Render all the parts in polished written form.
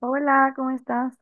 Hola, ¿cómo estás?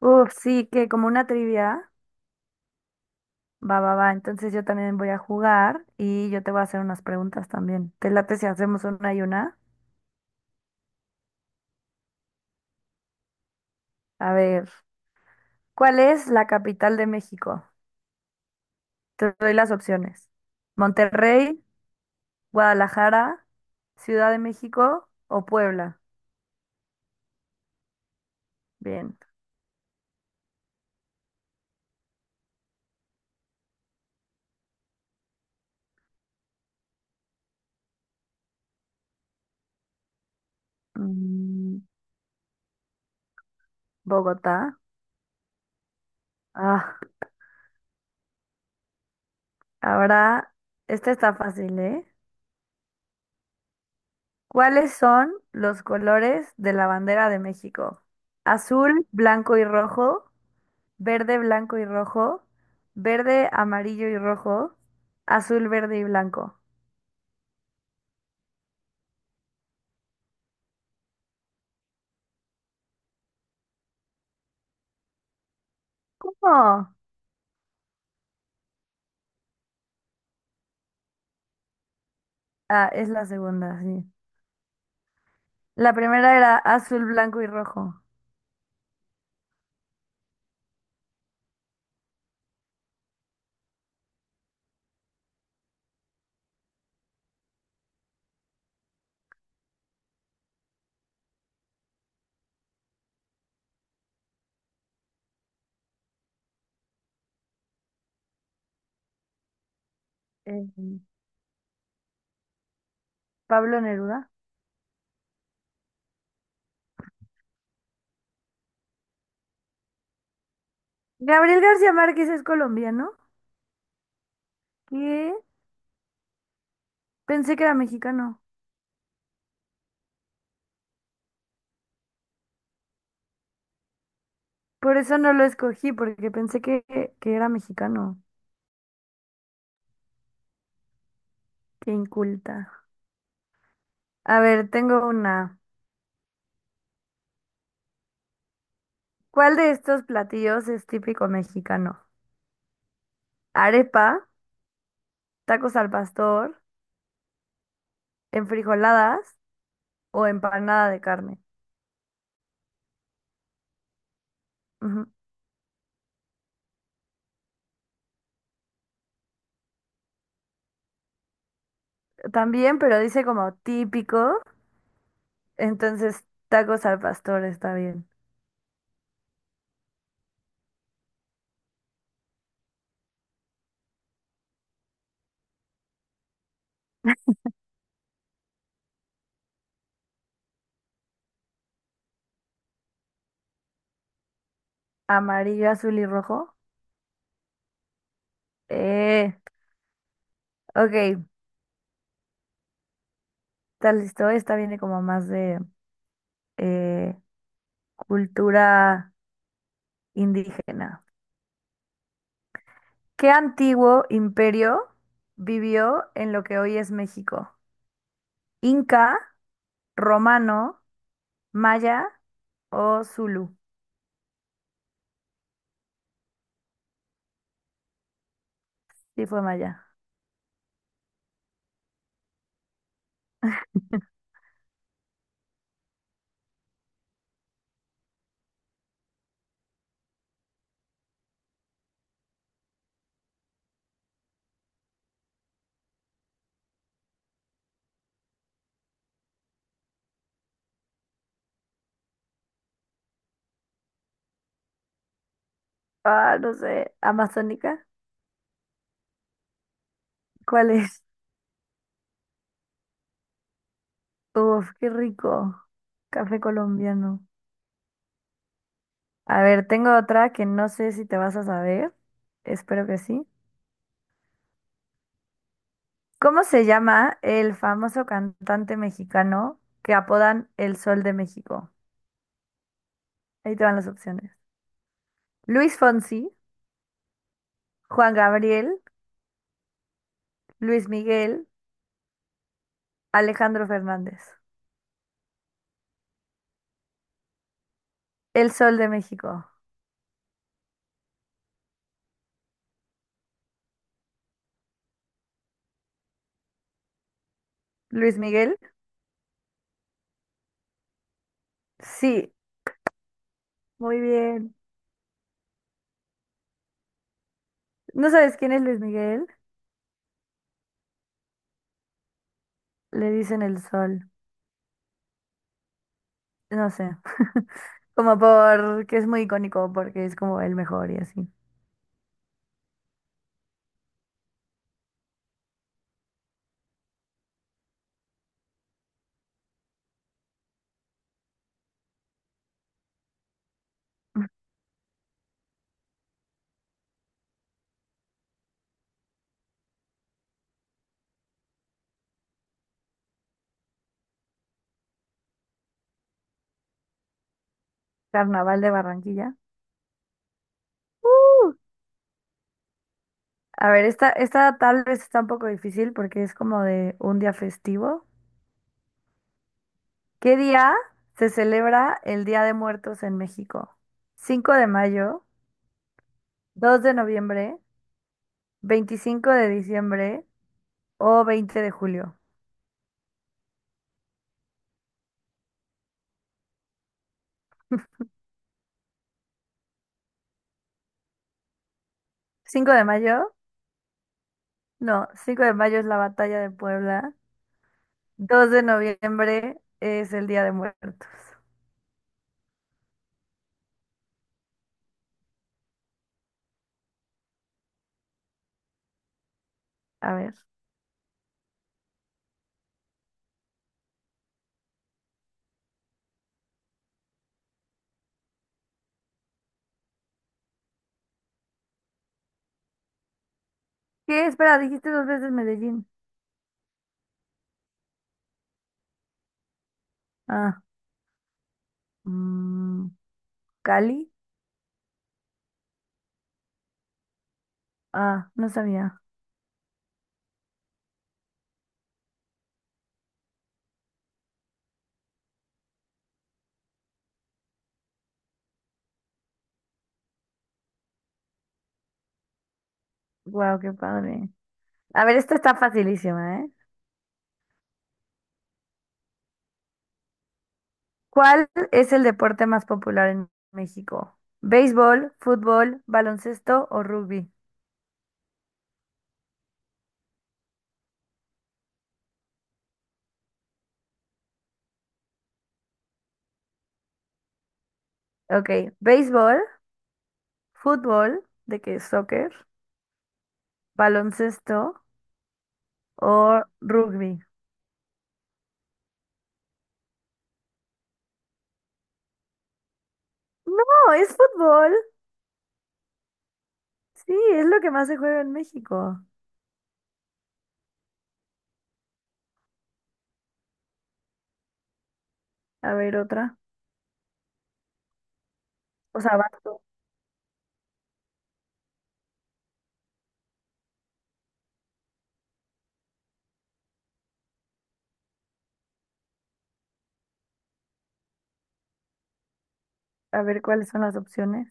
Uf, sí, que como una trivia. Va, va, va. Entonces yo también voy a jugar y yo te voy a hacer unas preguntas también. ¿Te late si hacemos una y una? A ver, ¿cuál es la capital de México? Te doy las opciones. Monterrey, Guadalajara, Ciudad de México o Puebla. Bien. Mm, Bogotá. Ah, ahora, esta está fácil, ¿eh? ¿Cuáles son los colores de la bandera de México? Azul, blanco y rojo, verde, blanco y rojo, verde, amarillo y rojo, azul, verde y blanco. ¿Cómo? Ah, es la segunda, sí. La primera era azul, blanco y rojo. Eh, Pablo Neruda. Gabriel García Márquez es colombiano. ¿Qué? Pensé que era mexicano. Por eso no lo escogí, porque pensé que era mexicano. Qué inculta. A ver, tengo una. ¿Cuál de estos platillos es típico mexicano? ¿Arepa, tacos al pastor, enfrijoladas o empanada de carne? Ujú. También, pero dice como típico, entonces tacos al pastor está bien. Amarillo, azul y rojo. Eh, ok, está listo. Esta viene como más de eh, cultura indígena. ¿Qué antiguo imperio vivió en lo que hoy es México? ¿Inca, romano? ¿Maya o Zulu? Sí, fue Maya. Ah, no sé. ¿Amazónica? ¿Cuál es? Uf, qué rico. Café colombiano. A ver, tengo otra que no sé si te vas a saber. Espero que sí. ¿Cómo se llama el famoso cantante mexicano que apodan El Sol de México? Ahí te van las opciones. Luis Fonsi, Juan Gabriel, Luis Miguel, Alejandro Fernández. El Sol de México. Luis Miguel. Sí, muy bien. ¿No sabes quién es Luis Miguel? Le dicen el sol. No sé. Como porque es muy icónico, porque es como el mejor y así. Carnaval de Barranquilla. ¡Uh! A ver, esta tal vez está un poco difícil porque es como de un día festivo. ¿Qué día se celebra el Día de Muertos en México? 5 de mayo, 2 de noviembre, 25 de diciembre o 20 de julio. 5 de mayo, no, 5 de mayo es la batalla de Puebla. 2 de noviembre es el Día de Muertos. A ver. ¿Qué? Espera, dijiste dos veces Medellín. Ah, mm, Cali. Ah, no sabía. Wow, qué padre. A ver, esta está facilísima, ¿eh? ¿Cuál es el deporte más popular en México? ¿Béisbol, fútbol, baloncesto o rugby? Ok, béisbol, fútbol, de que es soccer, baloncesto o rugby. No, es fútbol. Sí, es lo que más se juega en México. A ver otra. O sea, vas tú. A ver cuáles son las opciones.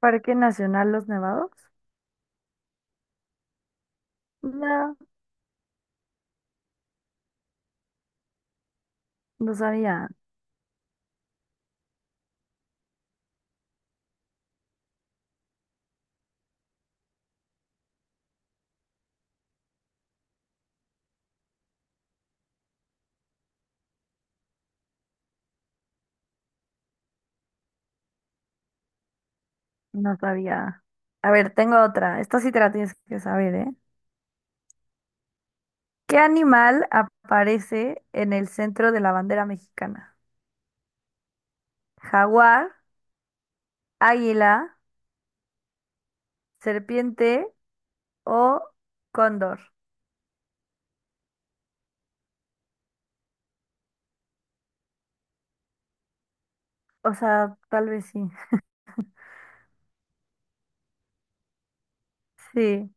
Parque Nacional Los Nevados. No, no sabía, no sabía. A ver, tengo otra. Esta sí te la tienes que saber, ¿eh? ¿Qué animal aparece en el centro de la bandera mexicana? ¿Jaguar, águila, serpiente o cóndor? O sea, tal vez sí. Sí.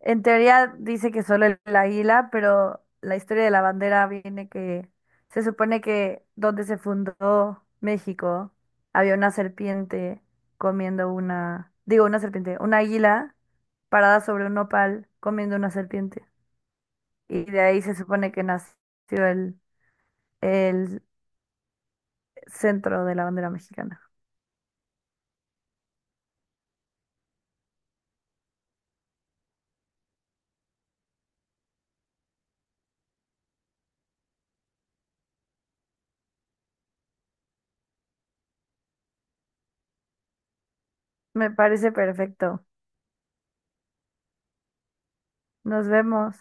En teoría dice que solo el, águila, pero la historia de la bandera viene que se supone que donde se fundó México había una serpiente comiendo una, digo una serpiente, una águila parada sobre un nopal comiendo una serpiente. Y de ahí se supone que nació el, el centro de la bandera mexicana. Me parece perfecto. Nos vemos.